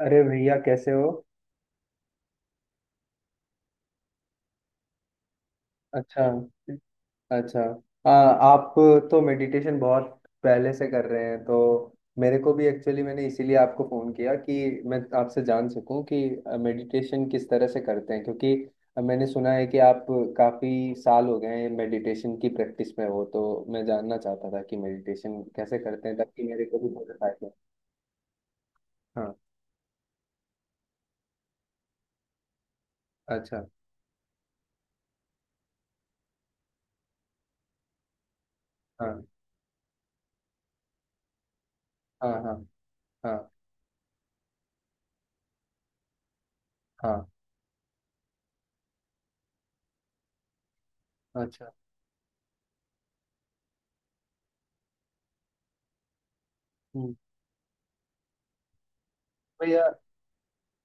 अरे भैया कैसे हो। अच्छा। अच्छा। आप तो मेडिटेशन बहुत पहले से कर रहे हैं तो मेरे को भी एक्चुअली मैंने इसीलिए आपको फ़ोन किया कि मैं आपसे जान सकूं कि मेडिटेशन किस तरह से करते हैं क्योंकि मैंने सुना है कि आप काफ़ी साल हो गए हैं मेडिटेशन की प्रैक्टिस में हो तो मैं जानना चाहता था कि मेडिटेशन कैसे करते हैं ताकि मेरे को भी बहुत फायदा हो। हाँ। अच्छा। हाँ हाँ हाँ। हाँ। हाँ। अच्छा। हम्म। भैया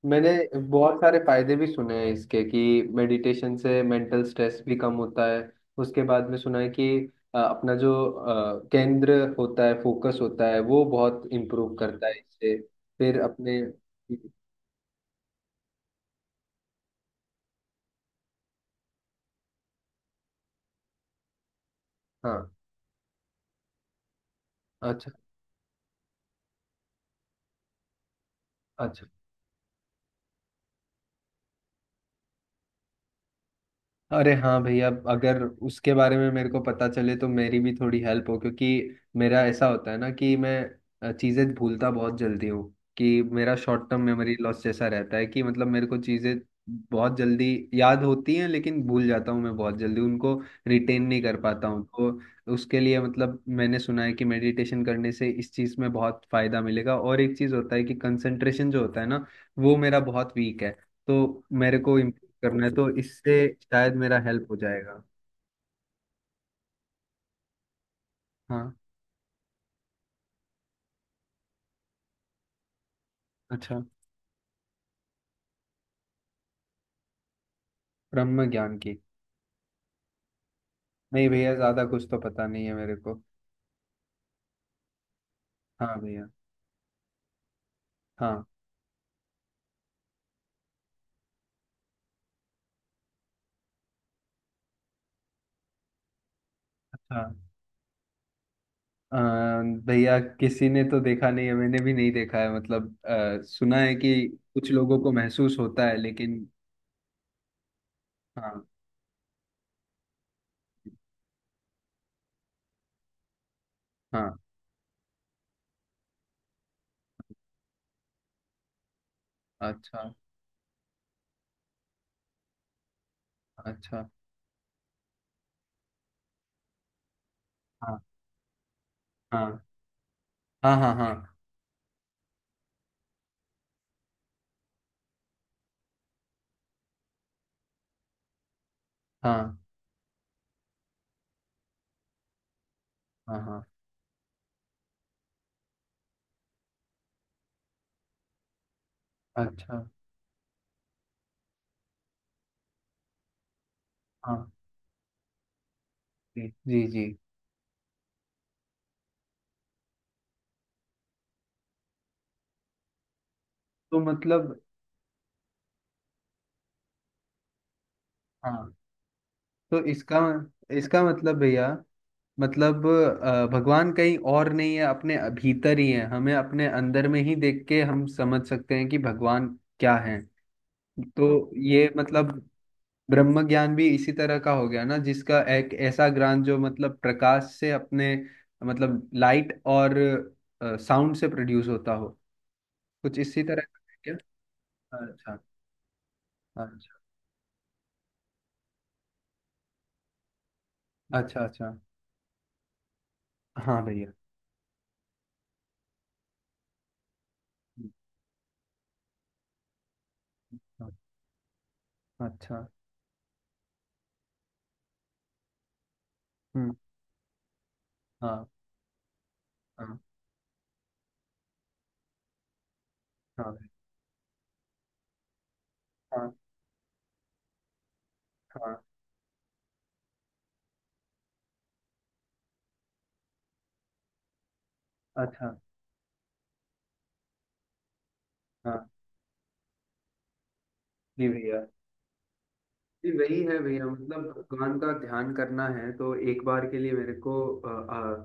मैंने बहुत सारे फायदे भी सुने हैं इसके कि मेडिटेशन से मेंटल स्ट्रेस भी कम होता है। उसके बाद में सुना है कि अपना जो केंद्र होता है फोकस होता है वो बहुत इम्प्रूव करता है इससे फिर अपने। हाँ। अच्छा। अच्छा। अरे हाँ भैया, अगर उसके बारे में मेरे को पता चले तो मेरी भी थोड़ी हेल्प हो, क्योंकि मेरा ऐसा होता है ना कि मैं चीज़ें भूलता बहुत जल्दी हूँ। कि मेरा शॉर्ट टर्म मेमोरी लॉस जैसा रहता है कि मतलब मेरे को चीज़ें बहुत जल्दी याद होती हैं लेकिन भूल जाता हूँ मैं बहुत जल्दी उनको, रिटेन नहीं कर पाता हूँ। तो उसके लिए मतलब मैंने सुना है कि मेडिटेशन करने से इस चीज़ में बहुत फ़ायदा मिलेगा। और एक चीज़ होता है कि कंसंट्रेशन जो होता है ना, वो मेरा बहुत वीक है। तो मेरे को करना है तो इससे शायद मेरा हेल्प हो जाएगा। हाँ। अच्छा। ब्रह्म ज्ञान की। नहीं भैया, ज्यादा कुछ तो पता नहीं है मेरे को। हाँ भैया। हाँ। अच्छा। अ, भैया किसी ने तो देखा नहीं है, मैंने भी नहीं देखा है। मतलब सुना है कि कुछ लोगों को महसूस होता है, लेकिन हाँ। हाँ। अच्छा। अच्छा। हाँ हाँ हाँ। हाँ हाँ हाँ। हाँ हाँ। अच्छा। हाँ। जी जी जी। तो मतलब हाँ। तो इसका, इसका मतलब भैया मतलब भगवान कहीं और नहीं है, अपने भीतर ही है। हमें अपने अंदर में ही देख के हम समझ सकते हैं कि भगवान क्या है। तो ये मतलब ब्रह्म ज्ञान भी इसी तरह का हो गया ना, जिसका एक ऐसा ज्ञान जो मतलब प्रकाश से अपने मतलब लाइट और साउंड से प्रोड्यूस होता हो। कुछ इसी तरह का है क्या? अच्छा। अच्छा। अच्छा। अच्छा। हाँ भैया। हाँ, अच्छा। हम्म। हाँ हाँ हाँ। हाँ हाँ। अच्छा। हाँ। जी भैया, जी वही है भैया। मतलब भगवान का ध्यान करना है तो एक बार के लिए मेरे को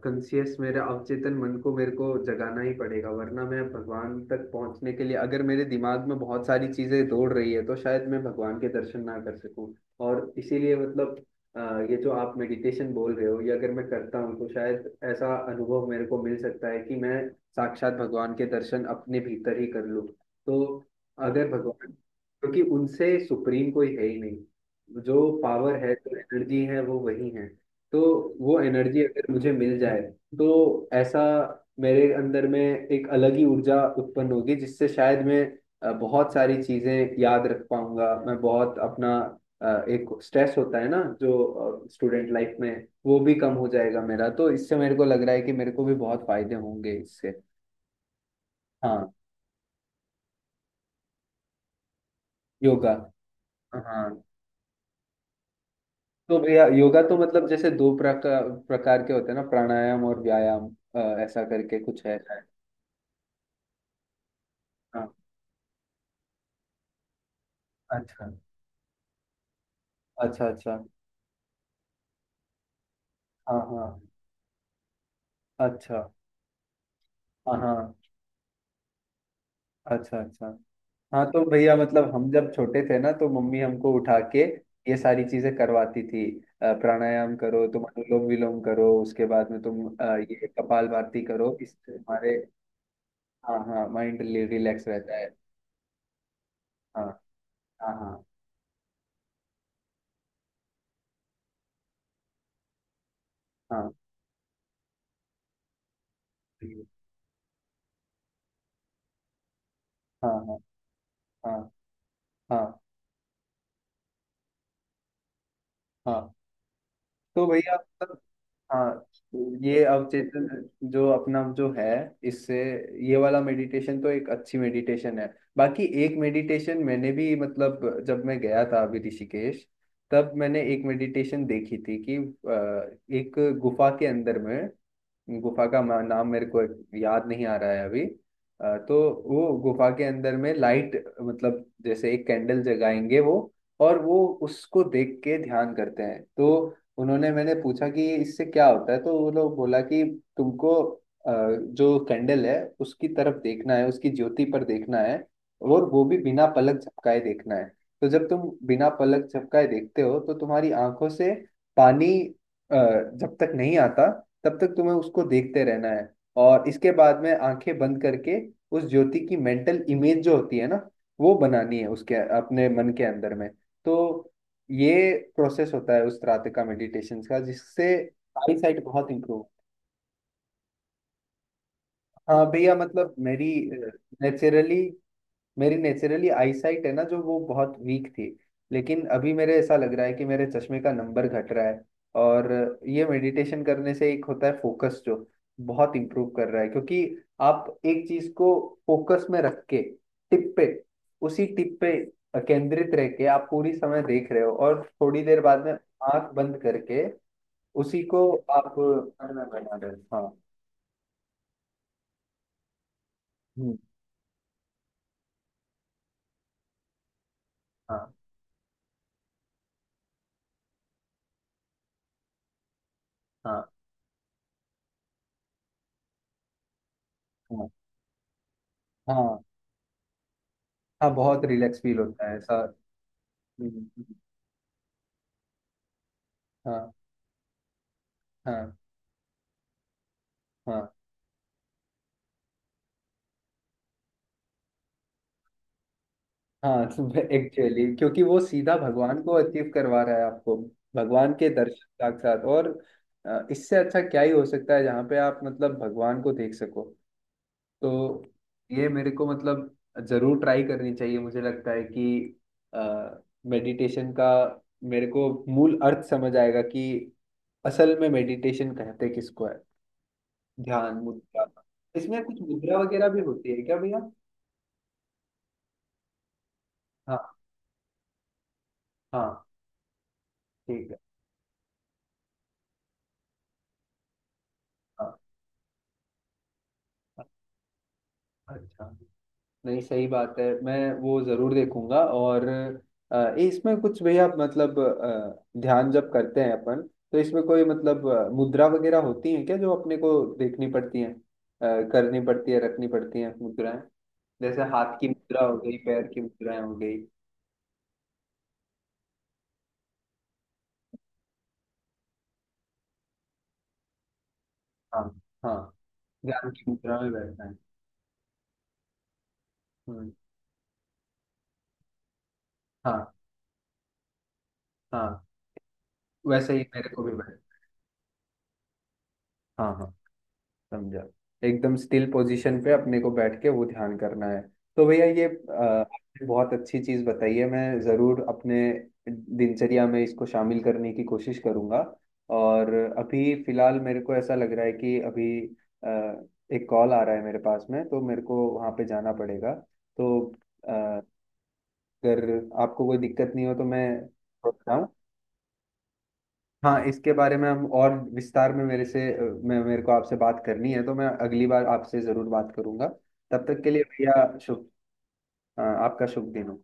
कंसियस, मेरे अवचेतन मन को मेरे को जगाना ही पड़ेगा, वरना मैं भगवान तक पहुंचने के लिए, अगर मेरे दिमाग में बहुत सारी चीजें दौड़ रही है, तो शायद मैं भगवान के दर्शन ना कर सकूं। और इसीलिए मतलब ये जो आप मेडिटेशन बोल रहे हो, ये अगर मैं करता हूँ तो शायद ऐसा अनुभव मेरे को मिल सकता है कि मैं साक्षात भगवान के दर्शन अपने भीतर ही कर लूँ। तो अगर भगवान, क्योंकि उनसे सुप्रीम कोई है ही नहीं, जो पावर है जो एनर्जी है वो वही है। तो वो एनर्जी अगर मुझे मिल जाए तो ऐसा मेरे अंदर में एक अलग ही ऊर्जा उत्पन्न होगी, जिससे शायद मैं बहुत सारी चीजें याद रख पाऊंगा। मैं बहुत अपना एक स्ट्रेस होता है ना जो स्टूडेंट लाइफ में, वो भी कम हो जाएगा मेरा। तो इससे मेरे को लग रहा है कि मेरे को भी बहुत फायदे होंगे इससे। हाँ। योगा। हाँ तो भैया योगा तो मतलब जैसे दो प्रकार प्रकार के होते हैं ना, प्राणायाम और व्यायाम। अ, ऐसा करके कुछ है शायद। हाँ। अच्छा अच्छा। अच्छा। हाँ हाँ। अच्छा। हाँ हाँ। अच्छा अच्छा। हाँ तो भैया मतलब हम जब छोटे थे ना, तो मम्मी हमको उठा के ये सारी चीजें करवाती थी। प्राणायाम करो, तुम अनुलोम विलोम करो, उसके बाद में तुम ये कपालभाति करो, इससे हमारे। हाँ हाँ, माइंड रिलैक्स रहता है। हाँ हाँ। हाँ हाँ हाँ। हाँ हाँ। हाँ हाँ। तो भैया मतलब हाँ, तो ये अवचेतन जो अपना जो है, इससे ये वाला मेडिटेशन तो एक अच्छी मेडिटेशन है। बाकी एक मेडिटेशन मैंने भी मतलब, जब मैं गया था अभी ऋषिकेश, तब मैंने एक मेडिटेशन देखी थी कि एक गुफा के अंदर में, गुफा का मा- नाम मेरे को याद नहीं आ रहा है अभी। तो वो गुफा के अंदर में लाइट, मतलब जैसे एक कैंडल जगाएंगे वो, और वो उसको देख के ध्यान करते हैं। तो उन्होंने, मैंने पूछा कि इससे क्या होता है, तो वो लोग बोला कि तुमको जो कैंडल है उसकी तरफ देखना है, उसकी ज्योति पर देखना है, और वो भी बिना पलक झपकाए देखना है। तो जब तुम बिना पलक झपकाए देखते हो तो तुम्हारी आंखों से पानी जब तक नहीं आता, तब तक तुम्हें उसको देखते रहना है। और इसके बाद में आंखें बंद करके उस ज्योति की मेंटल इमेज जो होती है ना, वो बनानी है उसके अपने मन के अंदर में। तो ये प्रोसेस होता है उस रात का मेडिटेशन का, जिससे आई साइट बहुत इंप्रूव। हाँ भैया मतलब मेरी नेचुरली, मेरी नेचुरली आईसाइट है ना जो, वो बहुत वीक थी, लेकिन अभी मेरे ऐसा लग रहा है कि मेरे चश्मे का नंबर घट रहा है। और ये मेडिटेशन करने से एक होता है फोकस, जो बहुत इम्प्रूव कर रहा है, क्योंकि आप एक चीज को फोकस में रख के, टिप पे, उसी टिप पे केंद्रित रह के आप पूरी समय देख रहे हो, और थोड़ी देर बाद में आंख बंद करके उसी को आप खाना बना रहे हो। हाँ। हम्म, हाँ हाँ हाँ। हाँ। हाँ, बहुत रिलैक्स फील होता है ऐसा। हम्म, हम्म, हाँ हाँ। हाँ हाँ। एक्चुअली क्योंकि वो सीधा भगवान को अचीव करवा रहा है आपको, भगवान के दर्शन साक्षात। और इससे अच्छा क्या ही हो सकता है जहाँ पे आप मतलब भगवान को देख सको। तो ये मेरे को मतलब जरूर ट्राई करनी चाहिए। मुझे लगता है कि मेडिटेशन का मेरे को मूल अर्थ समझ आएगा कि असल में मेडिटेशन कहते किसको है। ध्यान मुद्रा, इसमें कुछ मुद्रा वगैरह भी होती है क्या भैया? हाँ। हाँ। ठीक है। हाँ। अच्छा। नहीं सही बात है, मैं वो जरूर देखूंगा। और इसमें कुछ भैया मतलब ध्यान जब करते हैं अपन, तो इसमें कोई मतलब मुद्रा वगैरह होती है क्या, जो अपने को देखनी पड़ती है, करनी पड़ती है, रखनी पड़ती है मुद्राएं? जैसे हाथ की मुद्रा हो गई, पैर की मुद्राएं हो गई। हाँ हाँ। ध्यान की मुद्रा में बैठना है। हम्म। हाँ हाँ। वैसे ही मेरे को भी बैठ। हाँ हाँ, समझा। एकदम स्टिल पोजीशन पे अपने को बैठ के वो ध्यान करना है। तो भैया ये आपने बहुत अच्छी चीज बताई है। मैं जरूर अपने दिनचर्या में इसको शामिल करने की कोशिश करूंगा। और अभी फिलहाल मेरे को ऐसा लग रहा है कि अभी अ, एक कॉल आ रहा है मेरे पास में, तो मेरे को वहाँ पे जाना पड़ेगा। तो अ, अगर आपको कोई दिक्कत नहीं हो तो मैं बताऊं? हाँ, इसके बारे में हम और विस्तार में मेरे से मैं, मेरे को आपसे बात करनी है तो मैं अगली बार आपसे जरूर बात करूंगा। तब तक के लिए भैया शुभ, आपका शुभ दिन हो।